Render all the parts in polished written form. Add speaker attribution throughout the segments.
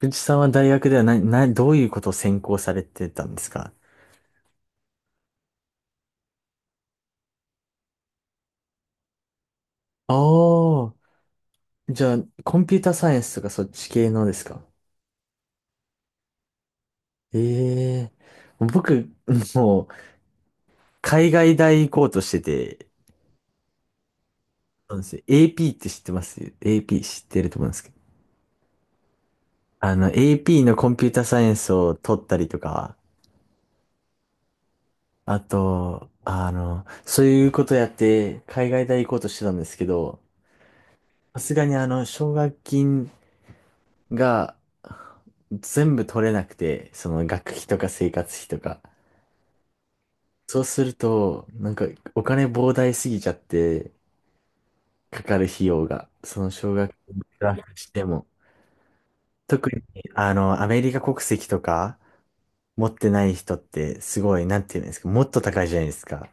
Speaker 1: くじさんは大学ではどういうことを専攻されてたんですか？ああー、じゃあ、コンピュータサイエンスとかそっち系のですか？ええ、僕、もう、海外大行こうとしてて、そうなんですよ。AP って知ってます？ AP 知ってると思うんですけど。AP のコンピュータサイエンスを取ったりとか、あと、そういうことやって、海外大行こうとしてたんですけど、さすがに奨学金が、全部取れなくて、その学費とか生活費とか。そうすると、なんかお金膨大すぎちゃって、かかる費用が、その奨学金プラスしても。特に、アメリカ国籍とか持ってない人って、すごい、なんていうんですか、もっと高いじゃないですか。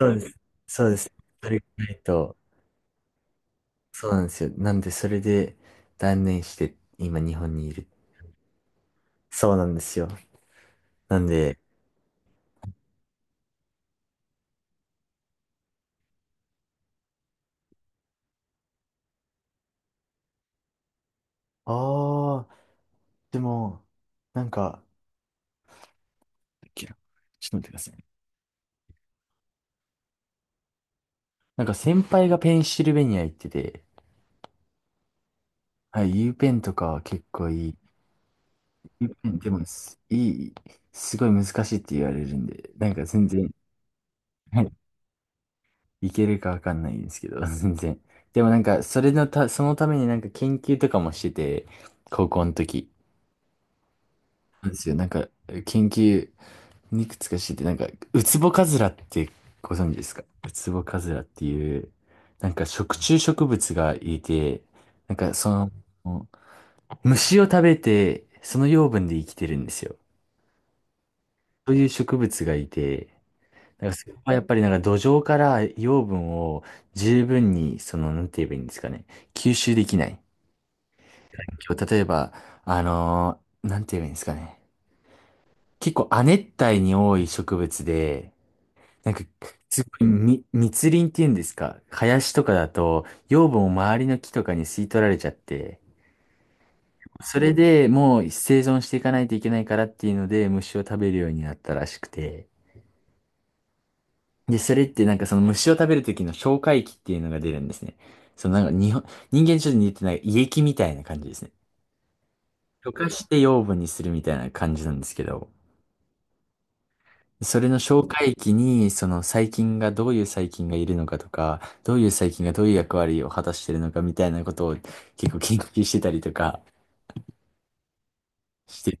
Speaker 1: そうです。そうです。それがないと、そうなんですよ。なんで、それで断念して、今日本にいる。そうなんですよ。なんで、ああ、でも、なんか、ちょっと待ってくださいね。なんか先輩がペンシルベニア行ってて、はい、U ペンとかは結構いい。U ペンでもい、すごい難しいって言われるんで、なんか全然、はい、いけるかわかんないんですけど、全然。でもなんか、そのためになんか研究とかもしてて、高校の時。なんですよ。なんか、研究、いくつか知って、なんか、ウツボカズラってご存知ですか？ウツボカズラっていう、なんか食虫植物がいて、なんかその、虫を食べて、その養分で生きてるんですよ。そういう植物がいて、なんかそれはやっぱりなんか土壌から養分を十分に、その、なんて言えばいいんですかね、吸収できない。今日例えば、なんて言えばいいんですかね。結構亜熱帯に多い植物で、なんか、すごいみ、密林っていうんですか。林とかだと、養分を周りの木とかに吸い取られちゃって、それでもう生存していかないといけないからっていうので、虫を食べるようになったらしくて。で、それってなんかその虫を食べる時の消化液っていうのが出るんですね。そのなんか人間にちょっと似てない胃液みたいな感じですね。溶かして養分にするみたいな感じなんですけど。それの紹介期に、その細菌がどういう細菌がいるのかとか、どういう細菌がどういう役割を果たしているのかみたいなことを結構研究してたりとかして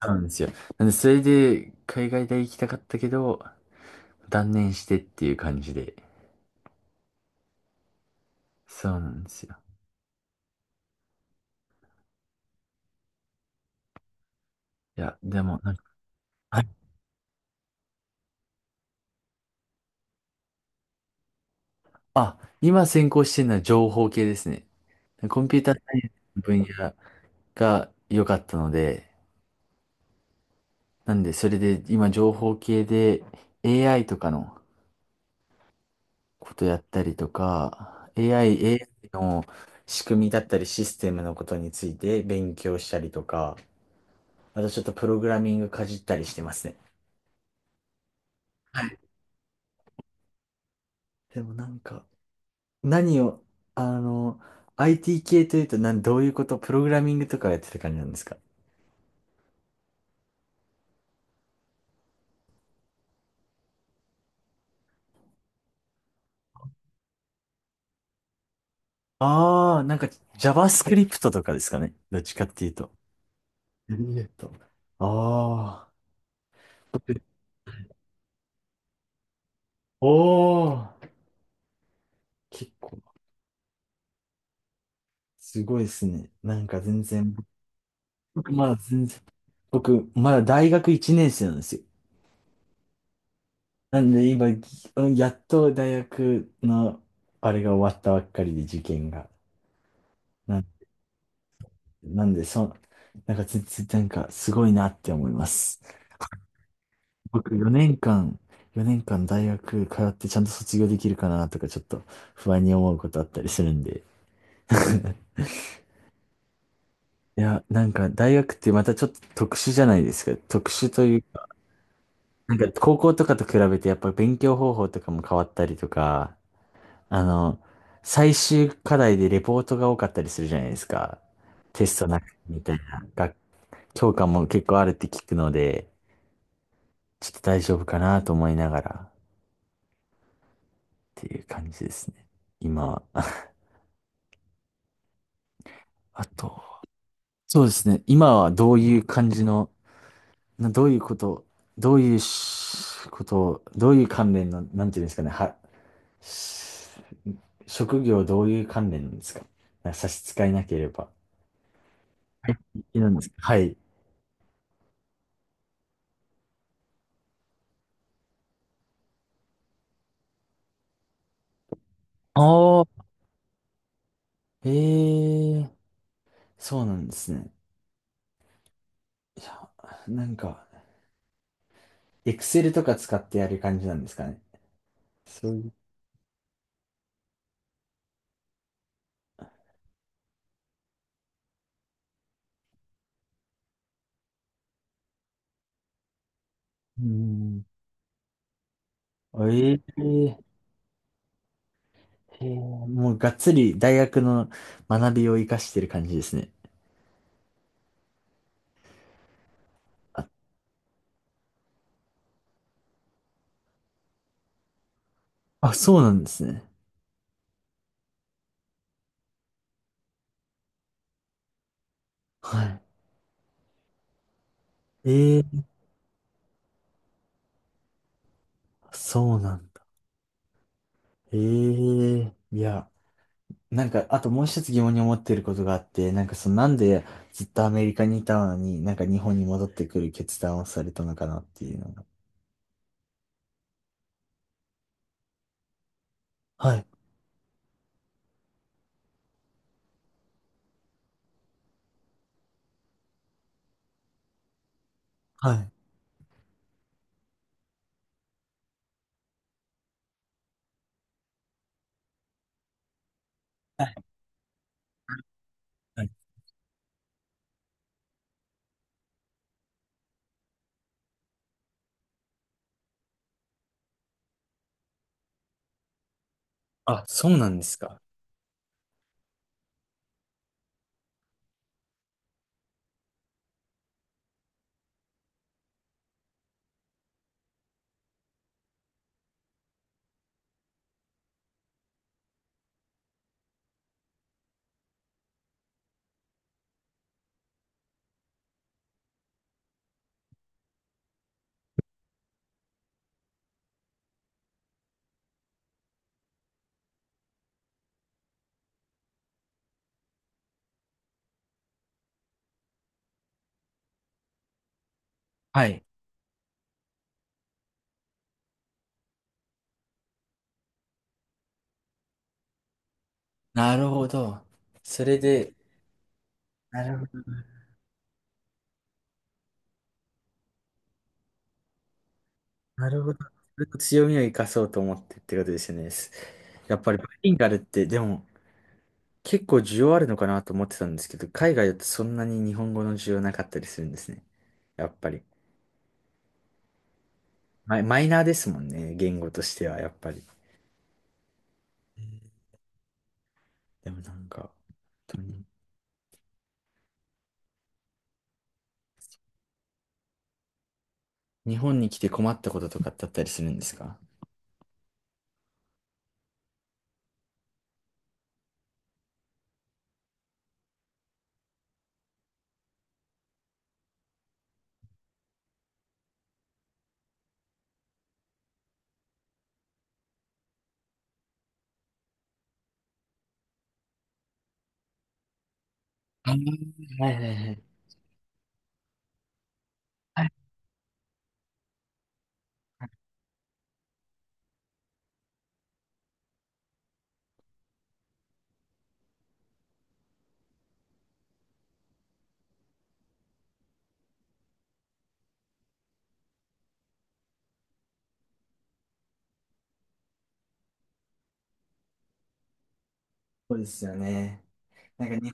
Speaker 1: たんですよ。なんで、それで海外大行きたかったけど、断念してっていう感じで。そうなんですよ。いや、でも、なんか、はい。あ、今専攻してるのは情報系ですね。コンピューターサイエンスの分野が良かったので、なんで、それで今情報系で AI とかのことやったりとか、AI、AI の仕組みだったりシステムのことについて勉強したりとか、あとちょっとプログラミングかじったりしてますね。でもなんか、何を、あの、IT 系というとどういうこと、プログラミングとかやってた感じなんですか？ああー、なんか JavaScript とかですかね。どっちかっていうと。えっと、ああ。おお、結構、すごいですね。なんか全然僕まだ全然、僕まだ大学1年生なんですよ。なんで今、やっと大学のあれが終わったばっかりで受験が。なん、なんで、そ、なんか全然なんかすごいなって思います。僕4年間、4年間大学通ってちゃんと卒業できるかなとかちょっと不安に思うことあったりするんで。いや、なんか大学ってまたちょっと特殊じゃないですか。特殊という、なんか高校とかと比べてやっぱ勉強方法とかも変わったりとか、あの、最終課題でレポートが多かったりするじゃないですか。テストなくてみたいな。教科も結構あるって聞くので、ちょっと大丈夫かなと思いながらっていう感じですね。今は。あと、そうですね。今はどういう感じの、などういうこと、どういう関連の、なんていうんですかね。し職業どういう関連ですか？なんか差し支えなければ。はい。いいなんですか？はい。ああ。ええ、そうなんですね。いや、なんか、エクセルとか使ってやる感じなんですかね。そういう。うん。ええ、へえ、もうがっつり大学の学びを活かしてる感じですね。あ、そうなんですね。はい。ええ、そうなんだ。ええ、いや、なんか、あともう一つ疑問に思ってることがあって、なんかその、なんでずっとアメリカにいたのに、なんか日本に戻ってくる決断をされたのかなっていうのが。はい。はい。あ、そうなんですか。はい。なるほど。それで、なるほど。なるほど。それと強みを生かそうと思ってってことですよね。やっぱりバイリンガルって、でも結構需要あるのかなと思ってたんですけど、海外だとそんなに日本語の需要なかったりするんですね。やっぱり。マイナーですもんね。言語としては、やっぱり。でもなんか、本当に日本に来て困ったこととかってあったりするんですか？はいはいはい。はい、そうですよね。なんか日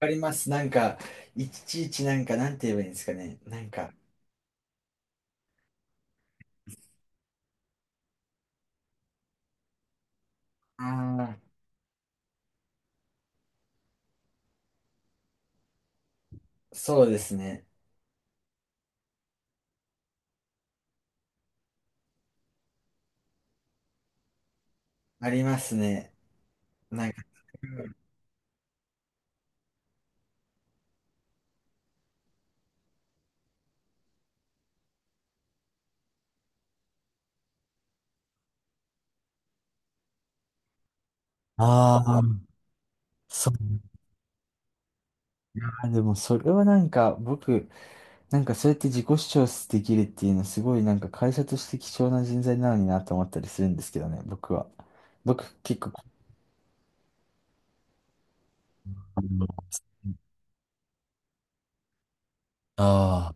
Speaker 1: わかります。なんか、いちいちなんか、なんて言えばいいんですかね。なんか、ああ、そうですね。ありますね。なんか、ああ、そう。あーでもそれはなんか僕、なんかそうやって自己主張できるっていうのすごいなんか会社として貴重な人材なのになと思ったりするんですけどね、僕は。僕結構。あ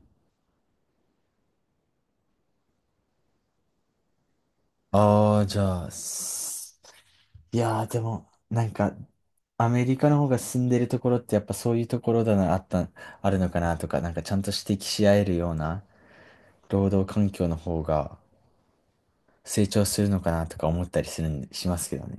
Speaker 1: あ、ああ、じゃあ、いやー、でも、なんか、アメリカの方が住んでるところってやっぱそういうところだな、あった、あるのかなとか、なんかちゃんと指摘し合えるような労働環境の方が成長するのかなとか思ったりするん、しますけどね。